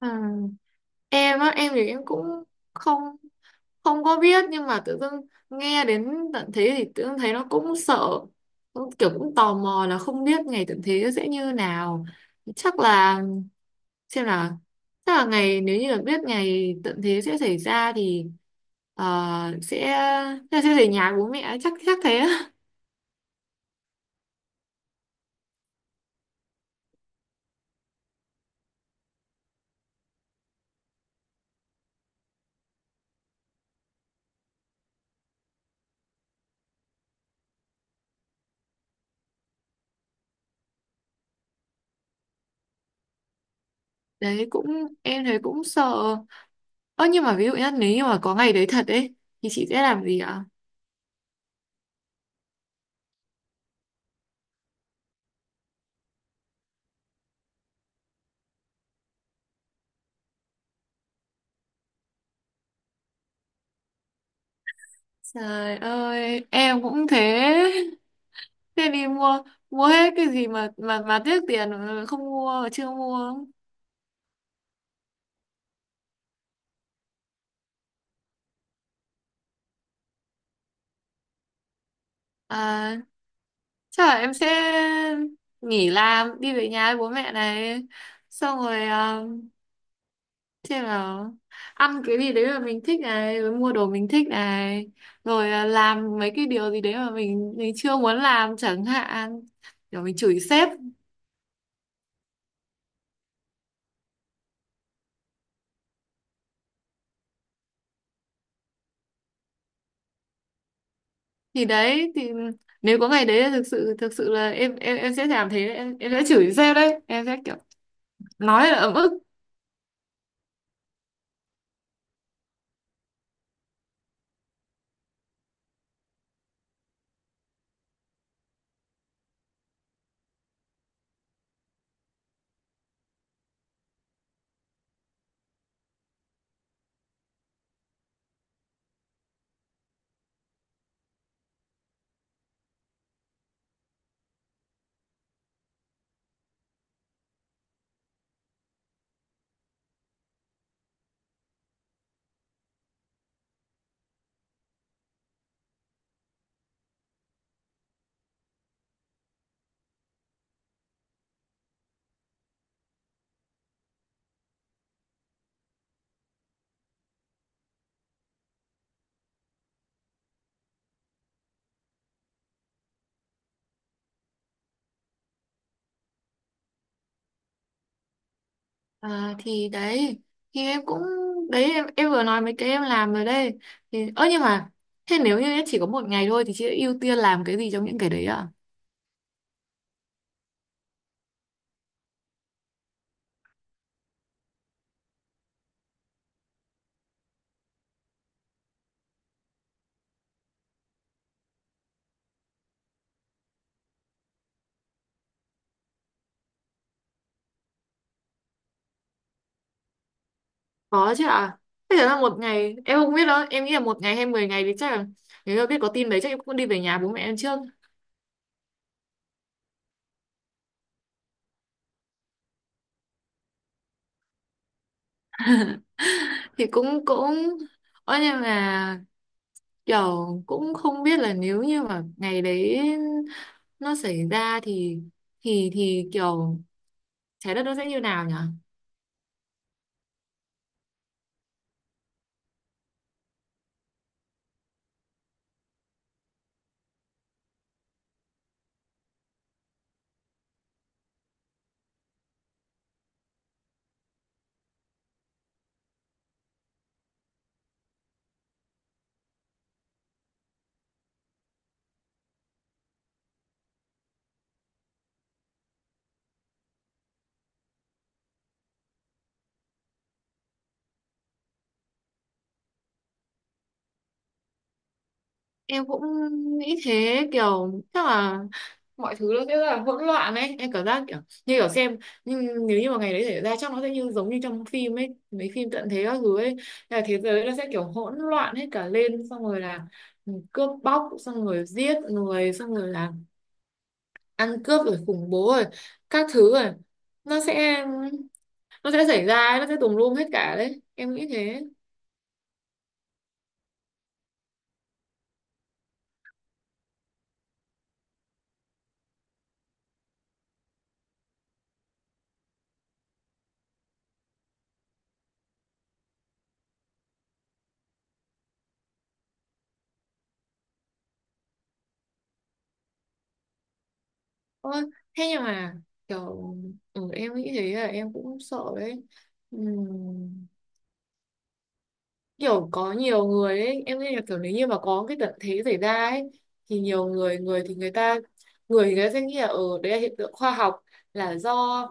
À, em á em thì em cũng không không có biết, nhưng mà tự dưng nghe đến tận thế thì tự dưng thấy nó cũng sợ, cũng kiểu cũng tò mò là không biết ngày tận thế sẽ như nào. Chắc là xem là chắc là ngày, nếu như là biết ngày tận thế sẽ xảy ra thì ờ, sẽ sẽ về nhà bố mẹ, chắc chắc thế á. Đấy cũng em thấy cũng sợ. Ơ nhưng mà ví dụ nhá, nếu như mà có ngày đấy thật ấy thì chị sẽ làm gì ạ? Trời ơi, em cũng thế. Thế đi mua mua hết cái gì mà tiếc tiền không mua mà chưa mua. À, chắc là em sẽ nghỉ làm đi về nhà với bố mẹ này. Xong rồi xem nào, ăn cái gì đấy mà mình thích này, rồi mua đồ mình thích này, rồi làm mấy cái điều gì đấy mà mình chưa muốn làm chẳng hạn. Rồi mình chửi sếp. Thì đấy nếu có ngày đấy thực sự là em sẽ làm thế đấy. Em sẽ chửi sếp đấy, em sẽ kiểu nói là ấm ức. À, thì đấy thì em cũng đấy, em vừa nói mấy cái em làm rồi đây thì. Ơ nhưng mà thế nếu như em chỉ có một ngày thôi thì chị sẽ ưu tiên làm cái gì trong những cái đấy ạ? Có chứ ạ. Thế là một ngày em không biết đâu, em nghĩ là một ngày hay 10 ngày thì chắc là nếu mà biết có tin đấy, chắc em cũng đi về nhà bố mẹ em trước. Thì cũng cũng ơ nhưng mà kiểu cũng không biết là nếu như mà ngày đấy nó xảy ra thì thì kiểu trái đất nó sẽ như nào nhỉ. Em cũng nghĩ thế, kiểu chắc là mọi thứ nó sẽ rất là hỗn loạn ấy, em cảm giác kiểu như kiểu xem. Nhưng nếu như mà ngày đấy xảy ra chắc nó sẽ như giống như trong phim ấy, mấy phim tận thế các thứ ấy, là thế giới nó sẽ kiểu hỗn loạn hết cả lên, xong rồi là cướp bóc, xong rồi giết người, xong rồi là ăn cướp rồi khủng bố rồi các thứ rồi. nó sẽ nó sẽ xảy ra ấy, nó sẽ tùm lum hết cả đấy em nghĩ thế. Ôi, thế nhưng mà kiểu ừ, em nghĩ thế là em cũng sợ đấy. Ừm, kiểu có nhiều người ấy, em nghĩ là kiểu nếu như mà có cái tận thế xảy ra ấy thì nhiều người người thì người ta người thì người ta sẽ nghĩ là ở đấy là hiện tượng khoa học, là do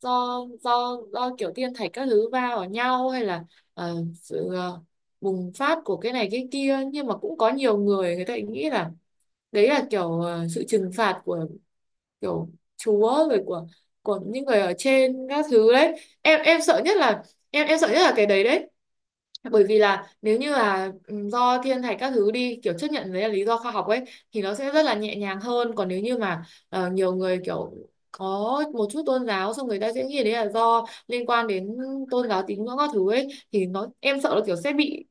do do do kiểu thiên thạch các thứ va vào nhau, hay là ờ, sự bùng phát của cái này cái kia. Nhưng mà cũng có nhiều người, người ta lại nghĩ là đấy là kiểu sự trừng phạt của kiểu chúa, rồi của những người ở trên các thứ đấy. Em sợ nhất là Em sợ nhất là cái đấy đấy. Bởi vì là nếu như là ừ, do thiên thạch các thứ đi, kiểu chấp nhận đấy là lý do khoa học ấy, thì nó sẽ rất là nhẹ nhàng hơn. Còn nếu như mà nhiều người kiểu có một chút tôn giáo, xong người ta sẽ nghĩ đấy là do liên quan đến tôn giáo tín ngưỡng các thứ ấy, thì nó em sợ là kiểu sẽ bị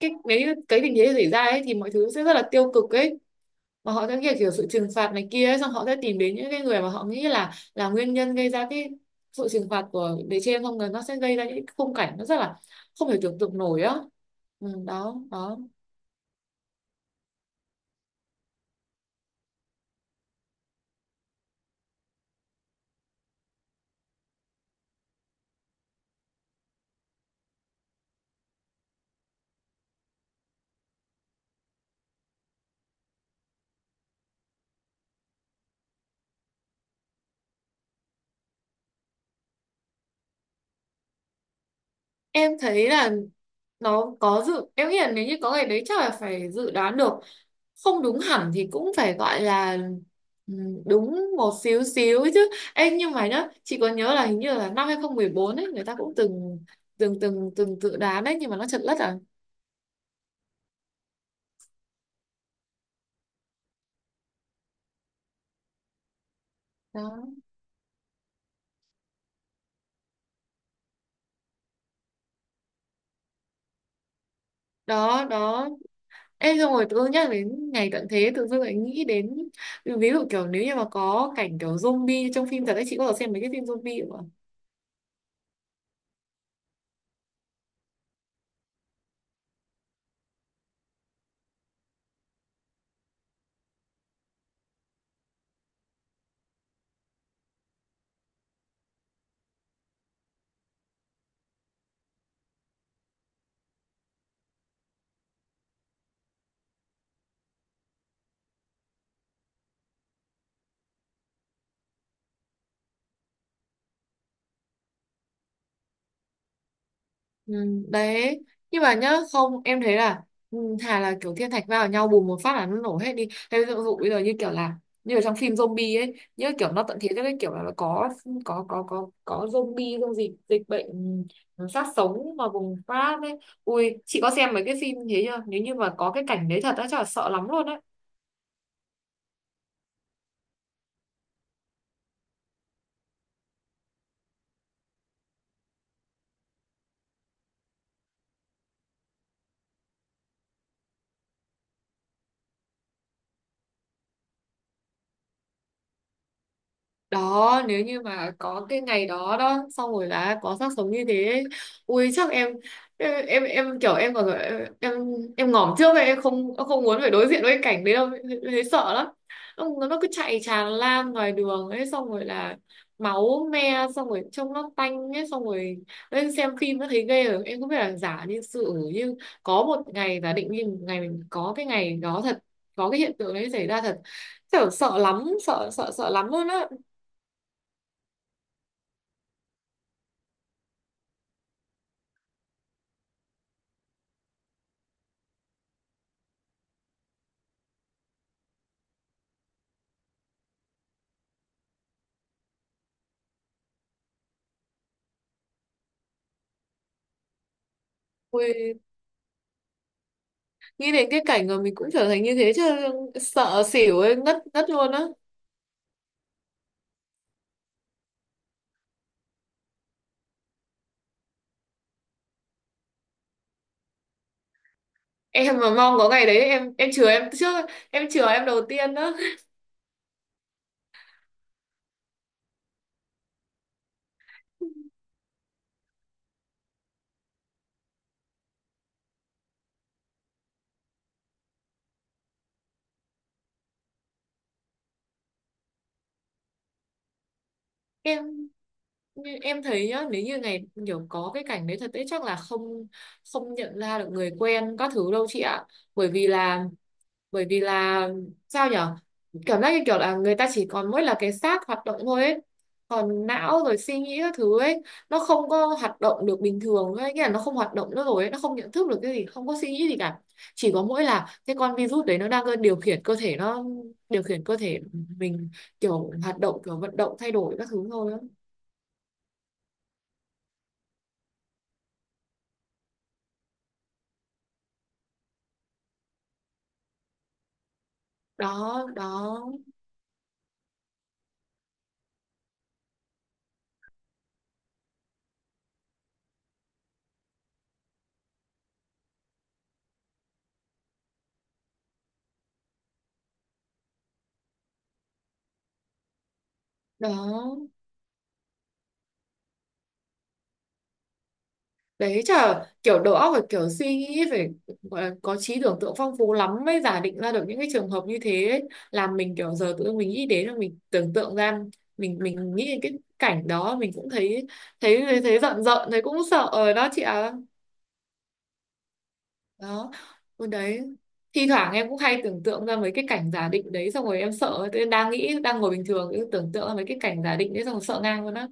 cái nếu cái tình thế xảy ra ấy, thì mọi thứ sẽ rất là tiêu cực ấy, mà họ sẽ kiểu sự trừng phạt này kia ấy, xong họ sẽ tìm đến những cái người mà họ nghĩ là nguyên nhân gây ra cái sự trừng phạt của bề trên, xong rồi nó sẽ gây ra những cái khung cảnh nó rất là không thể tưởng tượng nổi á. Ừ, đó đó. Em thấy là nó có dự, em nghĩ là nếu như có ngày đấy chắc là phải dự đoán được, không đúng hẳn thì cũng phải gọi là ừ, đúng một xíu xíu ấy chứ. Em nhưng mà nhá, chị có nhớ là hình như là năm 2014 ấy, người ta cũng từng từng từng từng dự đoán đấy nhưng mà nó trật lất à. Đó đó đó. Ê xong rồi tự dưng nhắc đến ngày tận thế, tự dưng lại nghĩ đến ví dụ kiểu nếu như mà có cảnh kiểu zombie trong phim thật ấy, chị có xem mấy cái phim zombie không ạ? Ừ, đấy nhưng mà nhá, không em thấy là ừ, thà là kiểu thiên thạch va vào nhau bùm một phát là nó nổ hết đi thế. Ví dụ bây giờ như kiểu là như ở trong phim zombie ấy, như kiểu nó tận thế cho cái kiểu là nó có zombie không gì dịch bệnh. Ừ, sát sống mà bùng phát ấy. Ui chị có xem mấy cái phim thế chưa, nếu như mà có cái cảnh đấy thật á chắc là sợ lắm luôn á. Đó nếu như mà có cái ngày đó đó, xong rồi là có xác sống như thế ấy, ui chắc em kiểu em còn em em ngỏm trước ấy, em không muốn phải đối diện với cái cảnh đấy đâu, em thấy sợ lắm. Nó cứ chạy tràn lan ngoài đường ấy, xong rồi là máu me, xong rồi trông nó tanh ấy, xong rồi lên xem phim nó thấy ghê rồi. Em không biết là giả như sự như có một ngày giả định, như một ngày mình có cái ngày đó thật, có cái hiện tượng đấy xảy ra thật, kiểu sợ lắm, sợ sợ sợ lắm luôn á. Ui, nghĩ đến cái cảnh mà mình cũng trở thành như thế chứ, sợ xỉu ấy, ngất ngất luôn á. Em mà mong có ngày đấy em chừa em trước, em chừa em đầu tiên đó. Em như em thấy nhá, nếu như ngày kiểu có cái cảnh đấy thật đấy chắc là không không nhận ra được người quen các thứ đâu chị ạ. Bởi vì là bởi vì là sao nhở, cảm giác như kiểu là người ta chỉ còn mỗi là cái xác hoạt động thôi ấy. Còn não rồi suy nghĩ các thứ ấy, nó không có hoạt động được bình thường ấy, nghĩa là nó không hoạt động nữa rồi ấy. Nó không nhận thức được cái gì, không có suy nghĩ gì cả, chỉ có mỗi là cái con virus đấy nó đang điều khiển cơ thể, nó điều khiển cơ thể mình kiểu hoạt động kiểu vận động thay đổi các thứ thôi. Đó đó đó đó. Đấy chả kiểu đầu óc phải kiểu suy nghĩ phải gọi là có trí tưởng tượng phong phú lắm mới giả định ra được những cái trường hợp như thế ấy. Làm mình kiểu giờ tự dưng mình nghĩ đến là mình tưởng tượng ra, mình nghĩ đến cái cảnh đó, mình cũng thấy thấy thấy giận giận, thấy cũng sợ rồi đó chị ạ. Đó. Ừ, đấy thi thoảng em cũng hay tưởng tượng ra mấy cái cảnh giả định đấy, xong rồi em sợ. Tự nhiên đang nghĩ, đang ngồi bình thường cứ tưởng tượng ra mấy cái cảnh giả định đấy, xong rồi sợ ngang luôn á.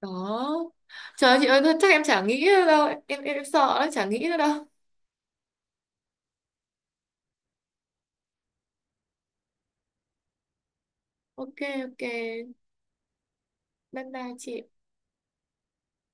Đó trời ơi, chị ơi chắc em chả nghĩ nữa đâu, em sợ đó chả nghĩ nữa đâu. OK. OK. Bye bye chị.